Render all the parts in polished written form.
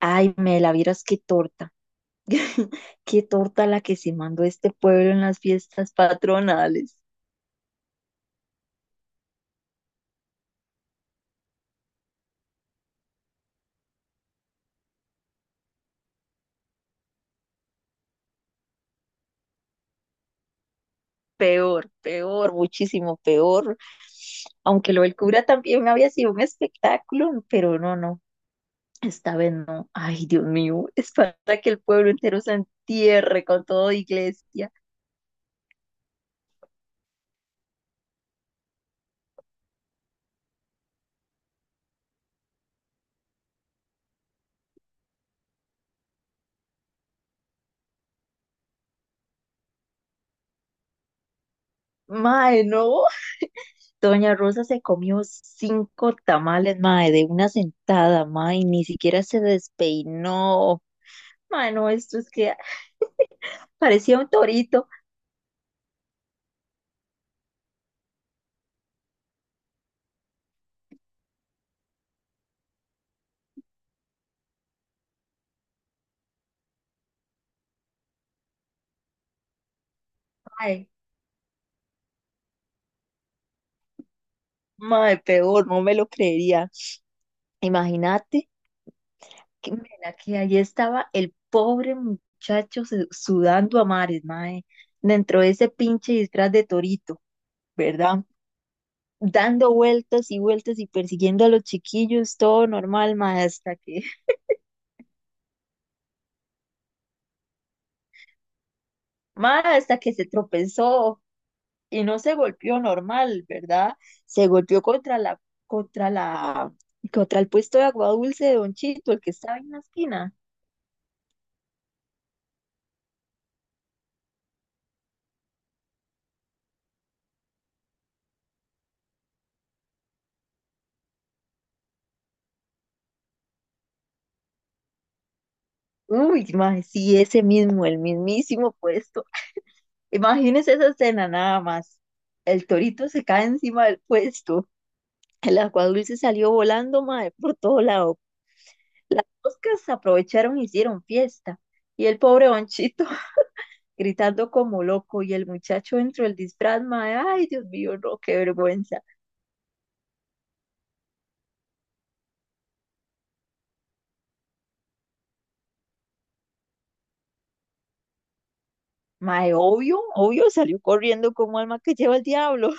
Ay, Mela, vieras qué torta. Qué torta la que se mandó este pueblo en las fiestas patronales. Peor, peor, muchísimo peor. Aunque lo del cura también había sido un espectáculo, pero no, no, esta vez no. Ay, Dios mío, es para que el pueblo entero se entierre con toda iglesia. Mae, no. Doña Rosa se comió cinco tamales, mae, de una sentada, mae, ni siquiera se despeinó. Mae, no, esto es que, parecía un torito. Ay, mae, peor, no me lo creería. Imagínate que, mira, que ahí estaba el pobre muchacho sudando a mares, mae, dentro de ese pinche disfraz de torito, ¿verdad? Dando vueltas y vueltas y persiguiendo a los chiquillos, todo normal, mae, hasta que, mae, hasta que se tropezó y no se golpeó normal, ¿verdad? Se golpeó contra la, contra el puesto de agua dulce de Don Chito, el que estaba en la esquina. Uy, mae, sí, ese mismo, el mismísimo puesto. Imagínese esa escena nada más. El torito se cae encima del puesto. El aguadulce salió volando, mae, por todo lado. Las moscas aprovecharon y hicieron fiesta. Y el pobre Bonchito gritando como loco. Y el muchacho dentro del disfraz, mae, ay, Dios mío, no, qué vergüenza. Mae, obvio, obvio, salió corriendo como alma que lleva el diablo.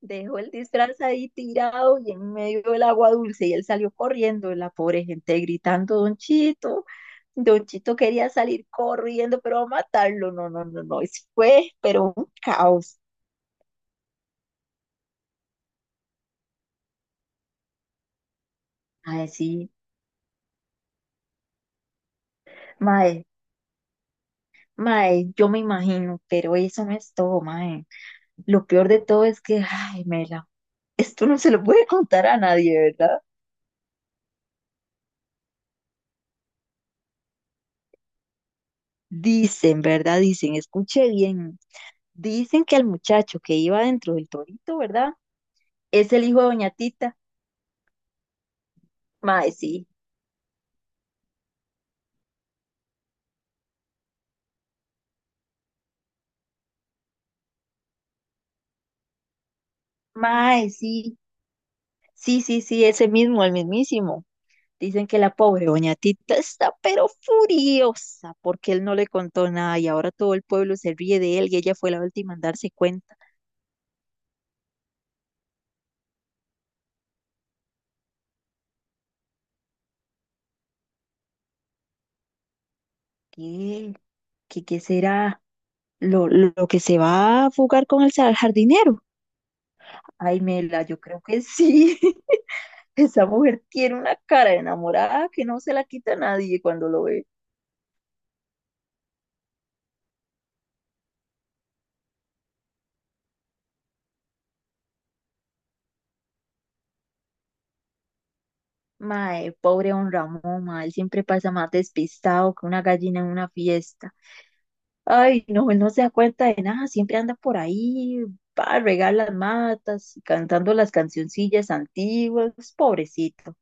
Dejó el disfraz ahí tirado y en medio del agua dulce y él salió corriendo, la pobre gente gritando, Don Chito, Don Chito quería salir corriendo, pero va a matarlo, no, no, no, no, eso fue, pero un caos. Mae, sí, mae, mae, yo me imagino, pero eso no es todo, mae. Lo peor de todo es que, ay, Mela, esto no se lo puede contar a nadie, ¿verdad? Dicen, ¿verdad? Dicen, escuche bien, dicen que el muchacho que iba dentro del torito, ¿verdad? Es el hijo de Doña Tita. Mae, sí, mae, sí, sí, sí, sí, ese mismo, el mismísimo. Dicen que la pobre doña Tita está pero furiosa porque él no le contó nada y ahora todo el pueblo se ríe de él y ella fue la última en darse cuenta. ¿Qué, qué, qué será? ¿Lo que se va a fugar con el jardinero? Ay, Mela, yo creo que sí. Esa mujer tiene una cara de enamorada que no se la quita nadie cuando lo ve. Mae, pobre don Ramón, mae, él siempre pasa más despistado que una gallina en una fiesta. Ay, no, él no se da cuenta de nada, siempre anda por ahí, va a regar las matas, cantando las cancioncillas antiguas, pobrecito.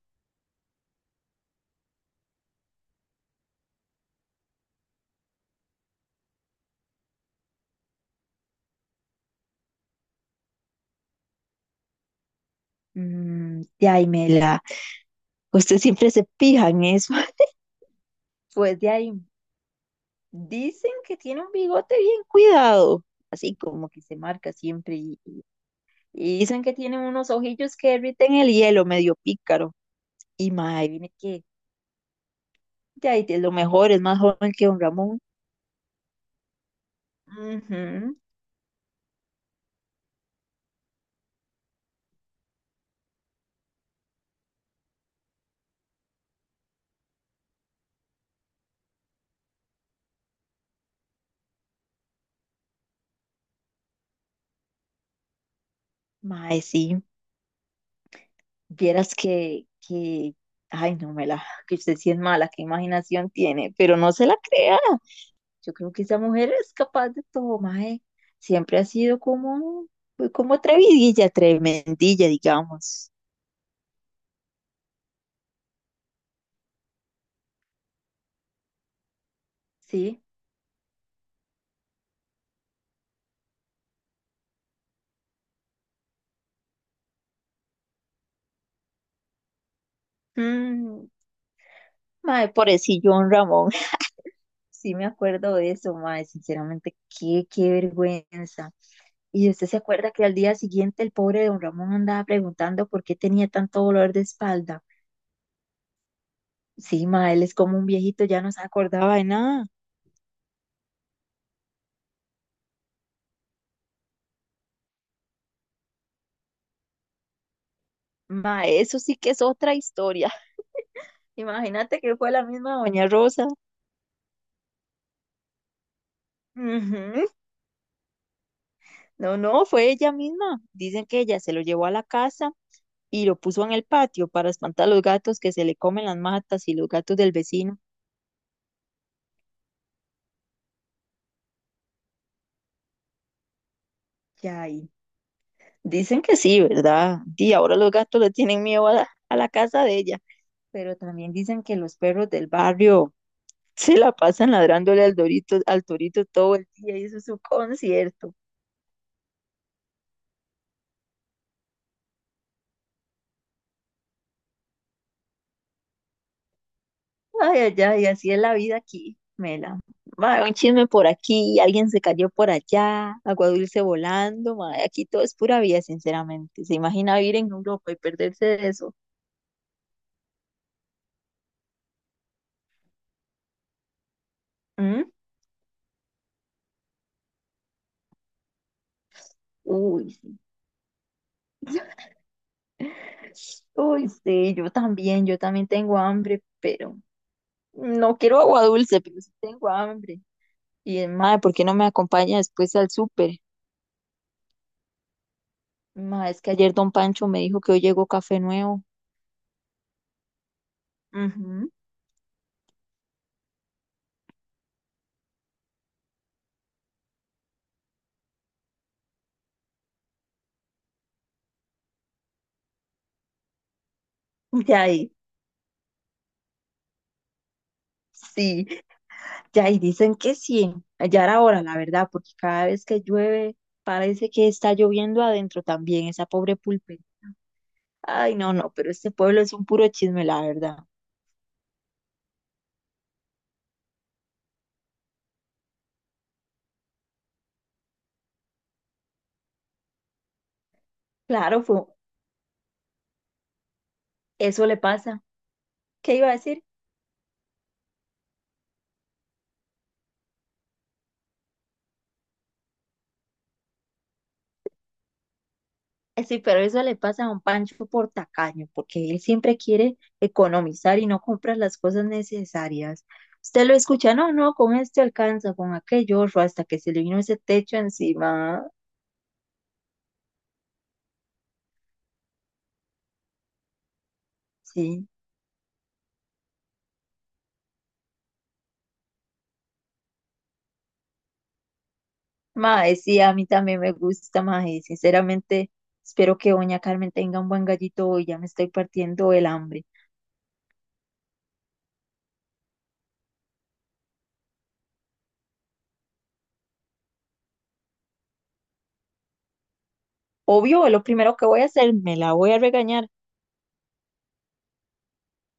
De ahí, Mela, usted siempre se pija en eso. Pues de ahí, dicen que tiene un bigote bien cuidado, así como que se marca siempre, y dicen que tiene unos ojillos que derriten el hielo, medio pícaro. Y mae, viene que ya, y de lo mejor, es más joven que don Ramón. Ujú. Mae, sí, vieras que, ay, no me la, que usted sí es mala, qué imaginación tiene, pero no se la crea. Yo creo que esa mujer es capaz de todo, mae. Siempre ha sido como, pues, como atrevidilla, tremendilla, digamos. Sí. Mm, Mae, pobrecillo don Ramón. Sí me acuerdo de eso, mae, sinceramente, qué, qué vergüenza. Y usted se acuerda que al día siguiente el pobre don Ramón andaba preguntando por qué tenía tanto dolor de espalda. Sí, mae, él es como un viejito, ya no se acordaba de nada. Mae, eso sí que es otra historia. Imagínate que fue la misma doña Rosa. Ujú. No, no, fue ella misma. Dicen que ella se lo llevó a la casa y lo puso en el patio para espantar a los gatos que se le comen las matas y los gatos del vecino. Ya, dicen que sí, ¿verdad? Y ahora los gatos le tienen miedo a la casa de ella, pero también dicen que los perros del barrio se la pasan ladrándole al dorito, al torito todo el día y eso es su concierto. Ay, ay, ay, así es la vida aquí, Mela. Mae, un chisme por aquí, alguien se cayó por allá, agua dulce volando, mae, aquí todo es pura vida, sinceramente. ¿Se imagina vivir en Europa y perderse de eso? ¿Mm? Uy, uy, sí, yo también tengo hambre, pero no quiero agua dulce, pero sí tengo hambre. Y madre, ¿por qué no me acompaña después al súper? Madre, es que ayer don Pancho me dijo que hoy llegó café nuevo. Ujú. Ya ahí, sí, ya, y dicen que sí. Ya era hora, la verdad, porque cada vez que llueve parece que está lloviendo adentro también, esa pobre pulpe. Ay, no, no, pero este pueblo es un puro chisme, la verdad. Claro, fue, eso le pasa. ¿Qué iba a decir? Sí, pero eso le pasa a un Pancho por tacaño, porque él siempre quiere economizar y no compra las cosas necesarias. Usted lo escucha, no, no, con este alcanza, con aquello, otro", hasta que se le vino ese techo encima. Sí, mae, sí, a mí también me gusta, mae. Sinceramente, espero que doña Carmen tenga un buen gallito hoy, ya me estoy partiendo el hambre. Obvio, lo primero que voy a hacer, me la voy a regañar.